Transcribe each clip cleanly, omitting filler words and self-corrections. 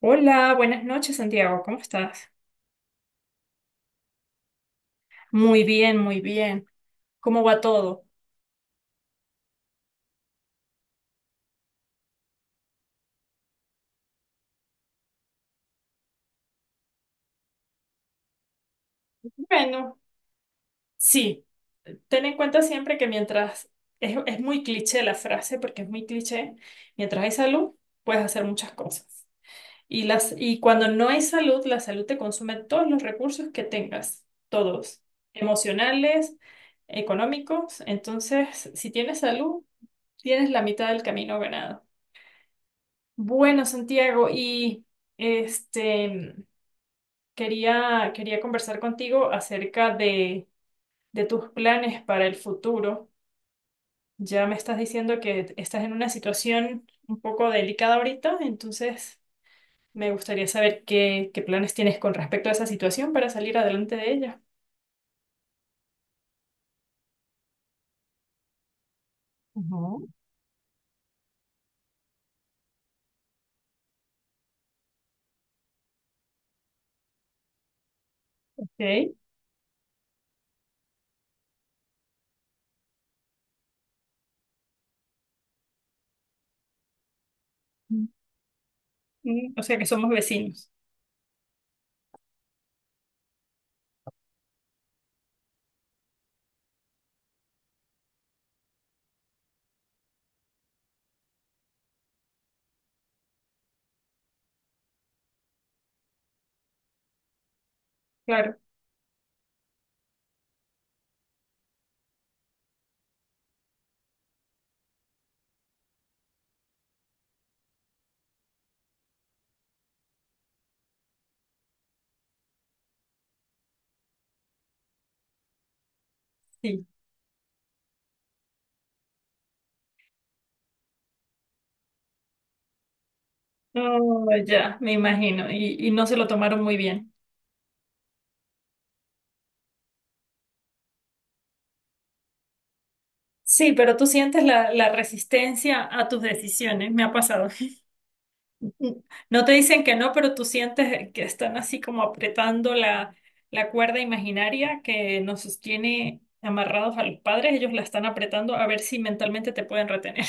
Hola, buenas noches, Santiago. ¿Cómo estás? Muy bien, muy bien. ¿Cómo va todo? Bueno, sí, ten en cuenta siempre que mientras es muy cliché la frase, porque es muy cliché, mientras hay salud, puedes hacer muchas cosas. Y las, y cuando no hay salud, la salud te consume todos los recursos que tengas, todos, emocionales, económicos. Entonces, si tienes salud, tienes la mitad del camino ganado. Bueno, Santiago, y este quería conversar contigo acerca de tus planes para el futuro. Ya me estás diciendo que estás en una situación un poco delicada ahorita, entonces me gustaría saber qué, qué planes tienes con respecto a esa situación para salir adelante de ella. Ujú. Ok. Mm, o sea que somos vecinos. Claro, sí. Oh, ya, me imagino. Y no se lo tomaron muy bien. Sí, pero tú sientes la, la resistencia a tus decisiones. Me ha pasado. No te dicen que no, pero tú sientes que están así como apretando la, la cuerda imaginaria que nos sostiene amarrados a los padres. Ellos la están apretando a ver si mentalmente te pueden retener.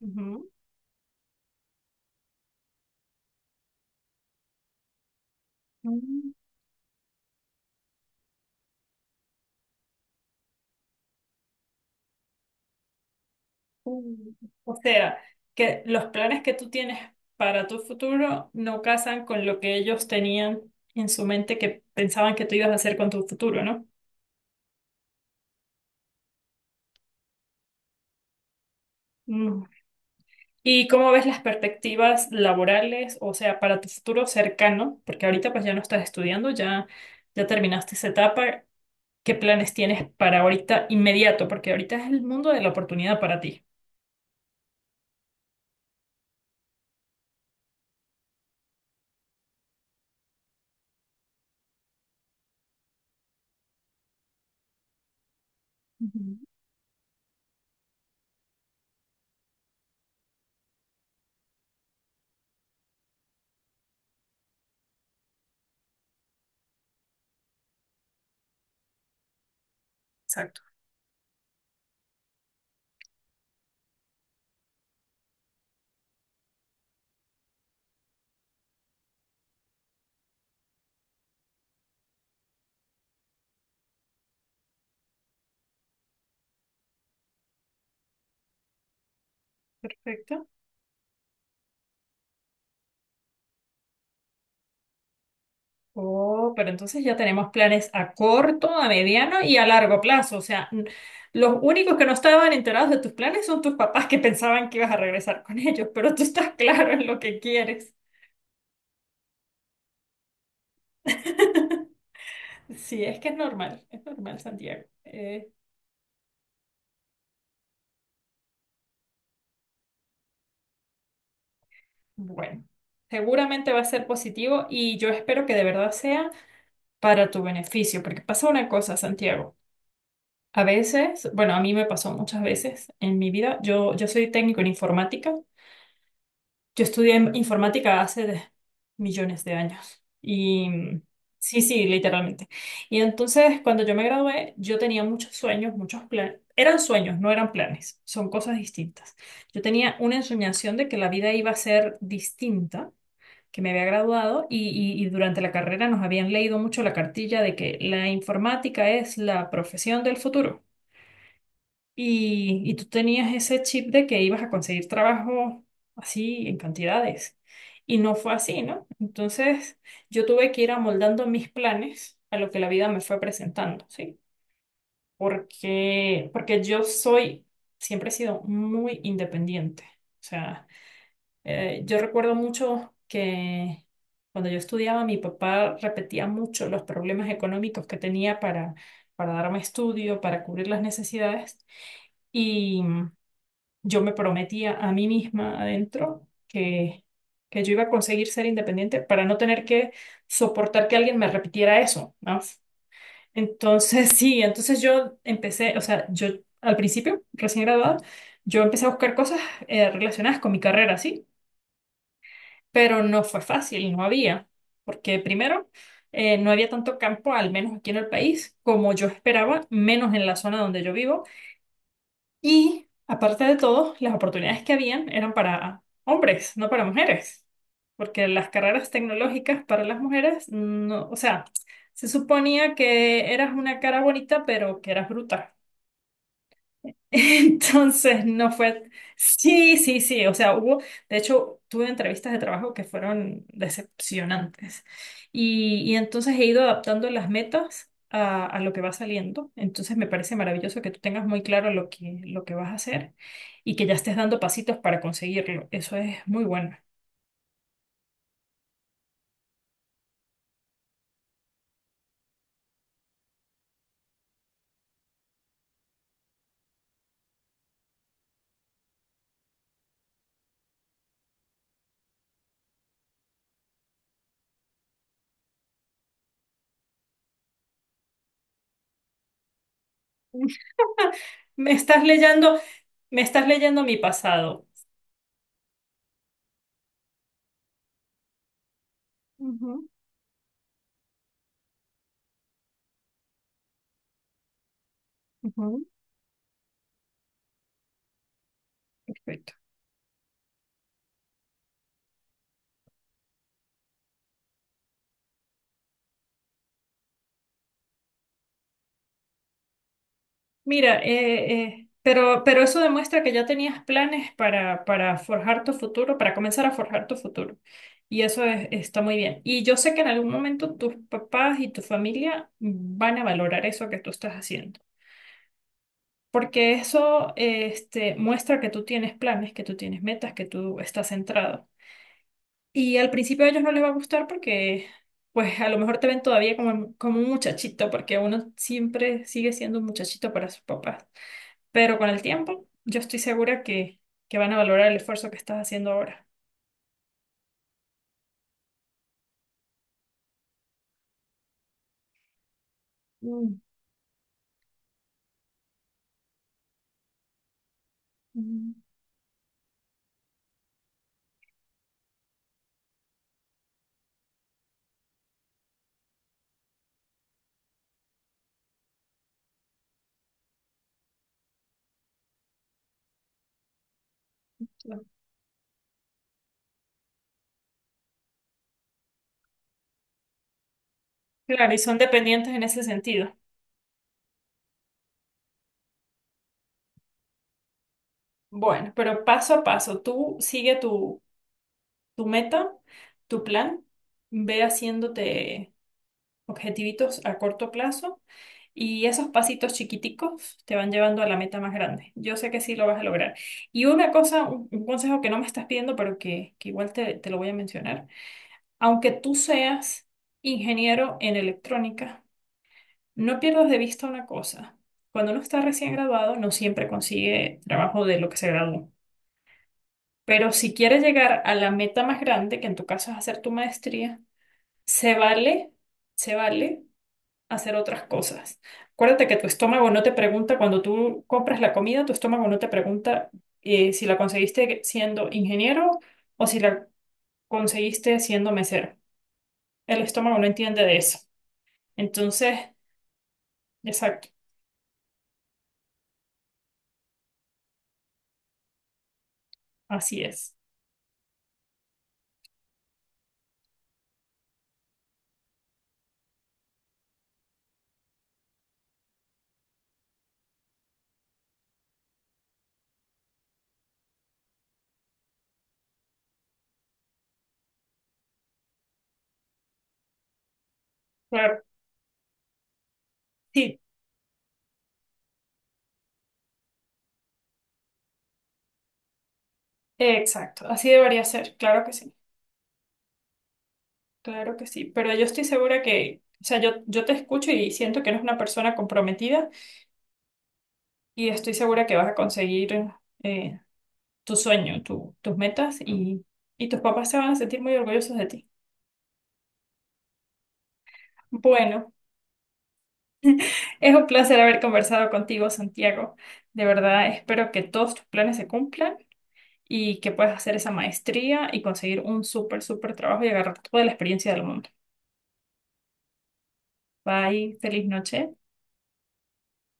Ujú. Mm, mm. O sea, que los planes que tú tienes para tu futuro no casan con lo que ellos tenían en su mente que pensaban que tú ibas a hacer con tu futuro, ¿no? ¿Y cómo ves las perspectivas laborales, o sea, para tu futuro cercano? Porque ahorita pues ya no estás estudiando, ya, ya terminaste esa etapa. ¿Qué planes tienes para ahorita inmediato? Porque ahorita es el mundo de la oportunidad para ti. Ujú. Exacto. Perfecto. Oh, pero entonces ya tenemos planes a corto, a mediano y a largo plazo. O sea, los únicos que no estaban enterados de tus planes son tus papás que pensaban que ibas a regresar con ellos, pero tú estás claro en lo que quieres. Sí, es que es normal, Santiago. Bueno, seguramente va a ser positivo y yo espero que de verdad sea para tu beneficio, porque pasa una cosa, Santiago. A veces, bueno, a mí me pasó muchas veces en mi vida, yo soy técnico en informática. Yo estudié informática hace millones de años. Y sí, sí, literalmente. Y entonces, cuando yo me gradué, yo tenía muchos sueños, muchos planes. Eran sueños, no eran planes. Son cosas distintas. Yo tenía una ensoñación de que la vida iba a ser distinta, que me había graduado y durante la carrera nos habían leído mucho la cartilla de que la informática es la profesión del futuro. Y tú tenías ese chip de que ibas a conseguir trabajo así en cantidades. Y no fue así, ¿no? Entonces yo tuve que ir amoldando mis planes a lo que la vida me fue presentando, ¿sí? Porque yo soy, siempre he sido muy independiente. O sea, yo recuerdo mucho que cuando yo estudiaba, mi papá repetía mucho los problemas económicos que tenía para darme estudio, para cubrir las necesidades. Yo me prometía a mí misma adentro que yo iba a conseguir ser independiente para no tener que soportar que alguien me repitiera eso, ¿no? Entonces, sí, entonces yo empecé, o sea, yo al principio, recién graduada, yo empecé a buscar cosas relacionadas con mi carrera, sí, pero no fue fácil, no había, porque primero, no había tanto campo, al menos aquí en el país, como yo esperaba, menos en la zona donde yo vivo. Y aparte de todo, las oportunidades que habían eran para hombres, no para mujeres, porque las carreras tecnológicas para las mujeres, no, o sea, se suponía que eras una cara bonita, pero que eras bruta. Entonces, no fue... Sí, sí, sí, o sea, hubo, de hecho, tuve entrevistas de trabajo que fueron decepcionantes. Y entonces he ido adaptando las metas a lo que va saliendo. Entonces, me parece maravilloso que tú tengas muy claro lo que vas a hacer y que ya estés dando pasitos para conseguirlo. Eso es muy bueno. Me estás leyendo, me estás leyendo mi pasado. Ujú, ujú. Perfecto. Mira, pero eso demuestra que ya tenías planes para forjar tu futuro, para comenzar a forjar tu futuro. Y está muy bien. Y yo sé que en algún momento tus papás y tu familia van a valorar eso que tú estás haciendo. Porque eso, este, muestra que tú tienes planes, que tú tienes metas, que tú estás centrado. Y al principio a ellos no les va a gustar porque, pues, a lo mejor te ven todavía como, como un muchachito, porque uno siempre sigue siendo un muchachito para sus papás. Pero con el tiempo, yo estoy segura que van a valorar el esfuerzo que estás haciendo ahora. Mm, mm, claro. Claro, y son dependientes en ese sentido. Bueno, pero paso a paso, tú sigue tu, tu meta, tu plan, ve haciéndote objetivitos a corto plazo y esos pasitos chiquiticos te van llevando a la meta más grande. Yo sé que sí lo vas a lograr. Y una cosa, un consejo que no me estás pidiendo, pero que igual te, te lo voy a mencionar. Aunque tú seas ingeniero en electrónica, no pierdas de vista una cosa. Cuando uno está recién graduado, no siempre consigue trabajo de lo que se graduó. Pero si quieres llegar a la meta más grande, que en tu caso es hacer tu maestría, se vale, se vale hacer otras cosas. Acuérdate que tu estómago no te pregunta cuando tú compras la comida, tu estómago no te pregunta si la conseguiste siendo ingeniero o si la conseguiste siendo mesero. El estómago no entiende de eso. Entonces, exacto, así es. Claro, sí, exacto, así debería ser, claro que sí, claro que sí. Pero yo estoy segura que, o sea, yo te escucho y siento que eres una persona comprometida y estoy segura que vas a conseguir eh, tu sueño, tus metas y tus papás se van a sentir muy orgullosos de ti. Bueno, es un placer haber conversado contigo, Santiago. De verdad, espero que todos tus planes se cumplan. Y que puedas hacer esa maestría y conseguir un súper, súper trabajo y agarrar toda la experiencia del mundo. Bye, feliz noche.